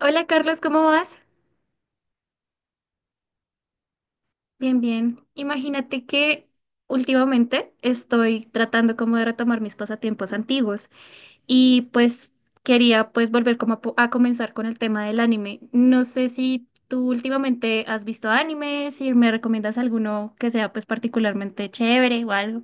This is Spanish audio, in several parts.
Hola Carlos, ¿cómo vas? Bien, bien. Imagínate que últimamente estoy tratando como de retomar mis pasatiempos antiguos y pues quería pues volver como a comenzar con el tema del anime. No sé si tú últimamente has visto anime, si me recomiendas alguno que sea pues particularmente chévere o algo.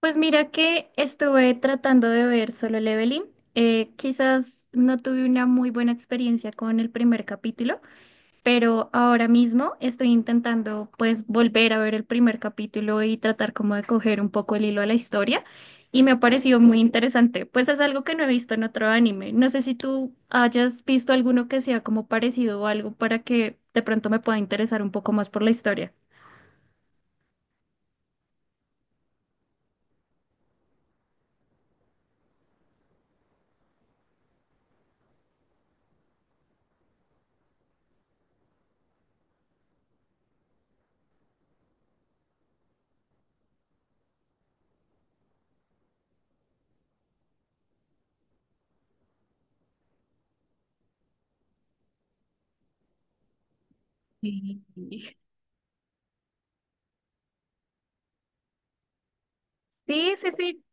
Pues mira que estuve tratando de ver Solo Leveling. Quizás no tuve una muy buena experiencia con el primer capítulo, pero ahora mismo estoy intentando pues volver a ver el primer capítulo y tratar como de coger un poco el hilo a la historia y me ha parecido muy interesante. Pues es algo que no he visto en otro anime. No sé si tú hayas visto alguno que sea como parecido o algo para que de pronto me pueda interesar un poco más por la historia. Sí, sí, sí, sí.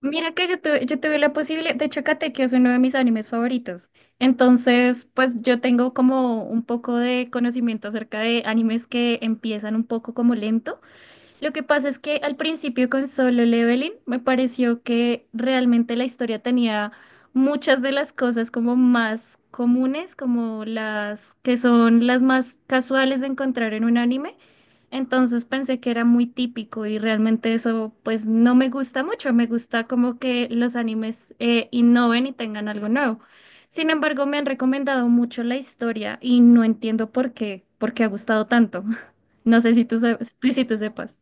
Mira que yo tuve la posibilidad, de hecho, Katekyo es uno de mis animes favoritos. Entonces, pues yo tengo como un poco de conocimiento acerca de animes que empiezan un poco como lento. Lo que pasa es que al principio con Solo Leveling me pareció que realmente la historia tenía muchas de las cosas como más comunes, como las que son las más casuales de encontrar en un anime. Entonces pensé que era muy típico y realmente eso pues no me gusta mucho. Me gusta como que los animes innoven y tengan algo nuevo. Sin embargo, me han recomendado mucho la historia y no entiendo por qué, porque ha gustado tanto. No sé si tú, sabes- si tú sepas.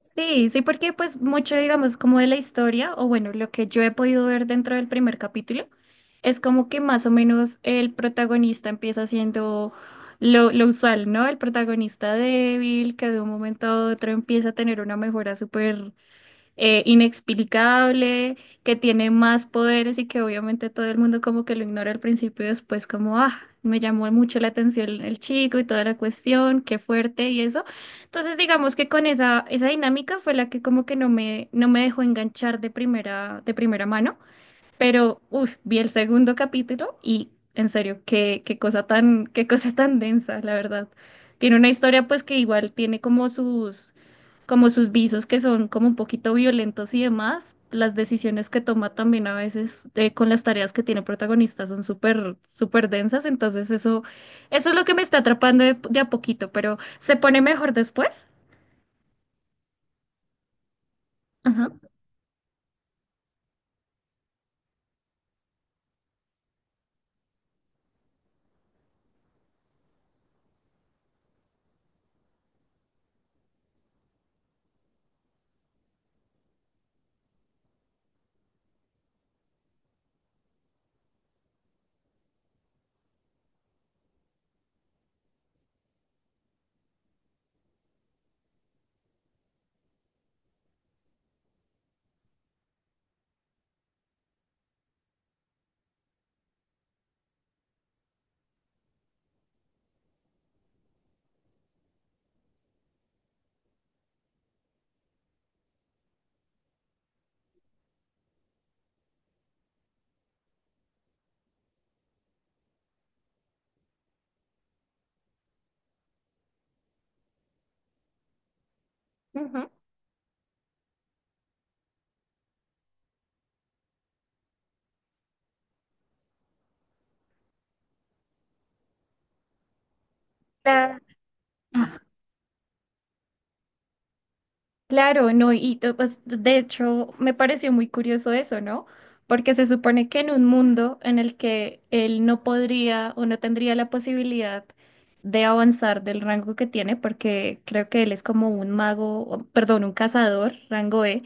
Sí, sí, porque pues mucho, digamos, como de la historia, o bueno, lo que yo he podido ver dentro del primer capítulo, es como que más o menos el protagonista empieza siendo lo usual, ¿no? El protagonista débil, que de un momento a otro empieza a tener una mejora súper inexplicable, que tiene más poderes y que obviamente todo el mundo como que lo ignora al principio y después como, ah, me llamó mucho la atención el chico y toda la cuestión, qué fuerte y eso. Entonces digamos que con esa dinámica fue la que como que no me dejó enganchar de primera mano. Pero, uff, vi el segundo capítulo y en serio, qué, qué cosa tan densa, la verdad. Tiene una historia pues que igual tiene como sus visos que son como un poquito violentos y demás. Las decisiones que toma también a veces con las tareas que tiene el protagonista son súper, súper densas. Entonces eso es lo que me está atrapando de a poquito, pero se pone mejor después. Ajá. Ujú. La- Claro, no, y to- pues, de hecho me pareció muy curioso eso, ¿no? Porque se supone que en un mundo en el que él no podría o no tendría la posibilidad de avanzar del rango que tiene, porque creo que él es como un mago, o- perdón, un cazador, rango E,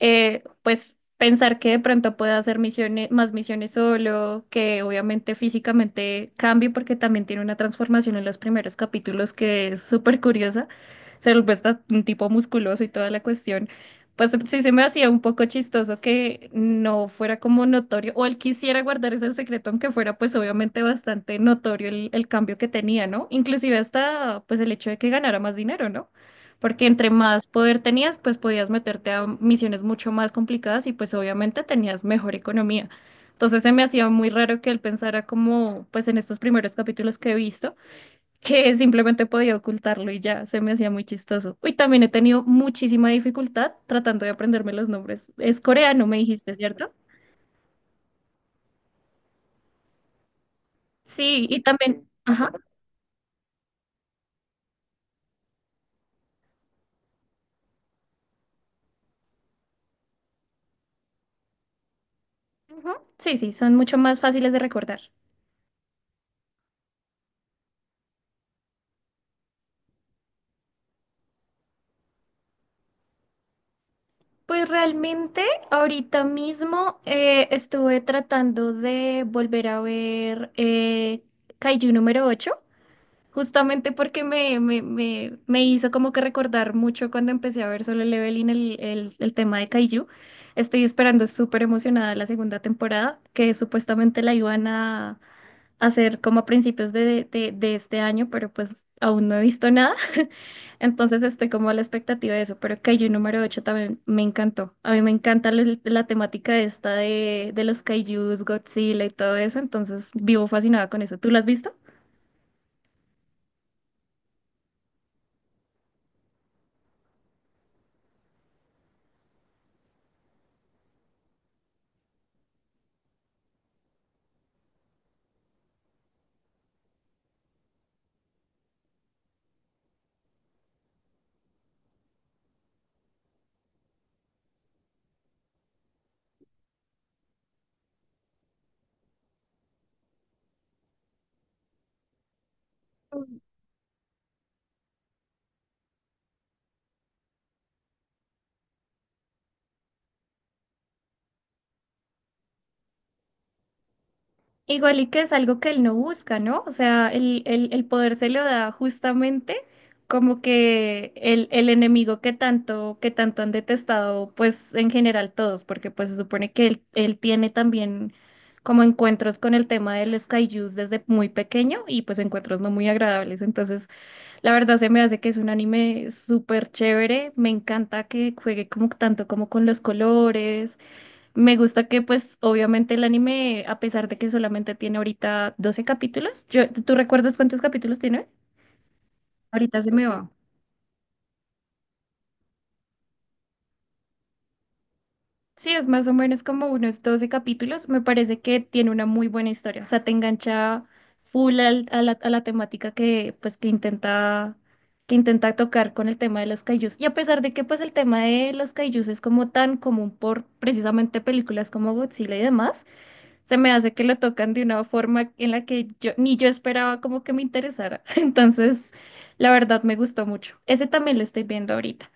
pues pensar que de pronto pueda hacer misiones, más misiones solo, que obviamente físicamente cambie porque también tiene una transformación en los primeros capítulos que es súper curiosa, se vuelve hasta un tipo musculoso y toda la cuestión. Pues sí se me hacía un poco chistoso que no fuera como notorio, o él quisiera guardar ese secreto, aunque fuera pues obviamente bastante notorio el cambio que tenía, ¿no? Inclusive hasta pues el hecho de que ganara más dinero, ¿no? Porque entre más poder tenías, pues podías meterte a misiones mucho más complicadas y pues obviamente tenías mejor economía. Entonces se me hacía muy raro que él pensara como, pues en estos primeros capítulos que he visto, que simplemente podía ocultarlo y ya, se me hacía muy chistoso. Y también he tenido muchísima dificultad tratando de aprenderme los nombres. Es coreano, me dijiste, ¿cierto? Sí, y también, ajá, ujú. Sí, sí, son mucho más fáciles de recordar. Pues realmente ahorita mismo estuve tratando de volver a ver Kaiju número 8 justamente porque me hizo como que recordar mucho cuando empecé a ver Solo Leveling el tema de Kaiju. Estoy esperando súper emocionada la segunda temporada, que supuestamente la iban a hacer como a principios de este año, pero pues aún no he visto nada. Entonces estoy como a la expectativa de eso, pero Kaiju número 8 también me encantó. A mí me encanta la temática esta de los Kaijus, Godzilla y todo eso, entonces vivo fascinada con eso. ¿Tú lo has visto? Igual y que es algo que él no busca, ¿no? O sea, el poder se lo da justamente como que el enemigo que tanto han detestado, pues en general todos, porque pues se supone que él tiene también como encuentros con el tema de los kaijus desde muy pequeño y pues encuentros no muy agradables. Entonces, la verdad se me hace que es un anime súper chévere. Me encanta que juegue como tanto como con los colores, me gusta que pues obviamente el anime, a pesar de que solamente tiene ahorita 12 capítulos, yo, ¿tú recuerdas cuántos capítulos tiene? Ahorita se me va. Sí, es más o menos como unos 12 capítulos. Me parece que tiene una muy buena historia. O sea, te engancha full al- a la temática que pues que intenta tocar con el tema de los kaijus. Y a pesar de que pues el tema de los kaijus es como tan común por precisamente películas como Godzilla y demás, se me hace que lo tocan de una forma en la que yo ni yo esperaba como que me interesara. Entonces, la verdad me gustó mucho. Ese también lo estoy viendo ahorita.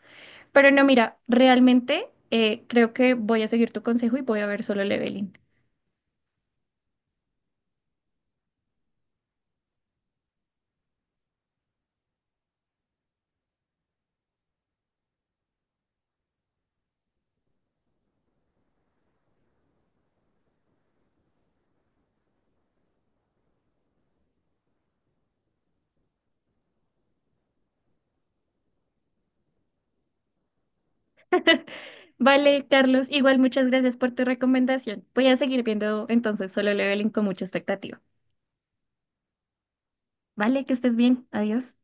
Pero no, mira, realmente creo que voy a seguir tu consejo y voy a ver Solo Leveling. Vale, Carlos, igual muchas gracias por tu recomendación. Voy a seguir viendo entonces Solo Leveling con mucha expectativa. Vale, que estés bien. Adiós.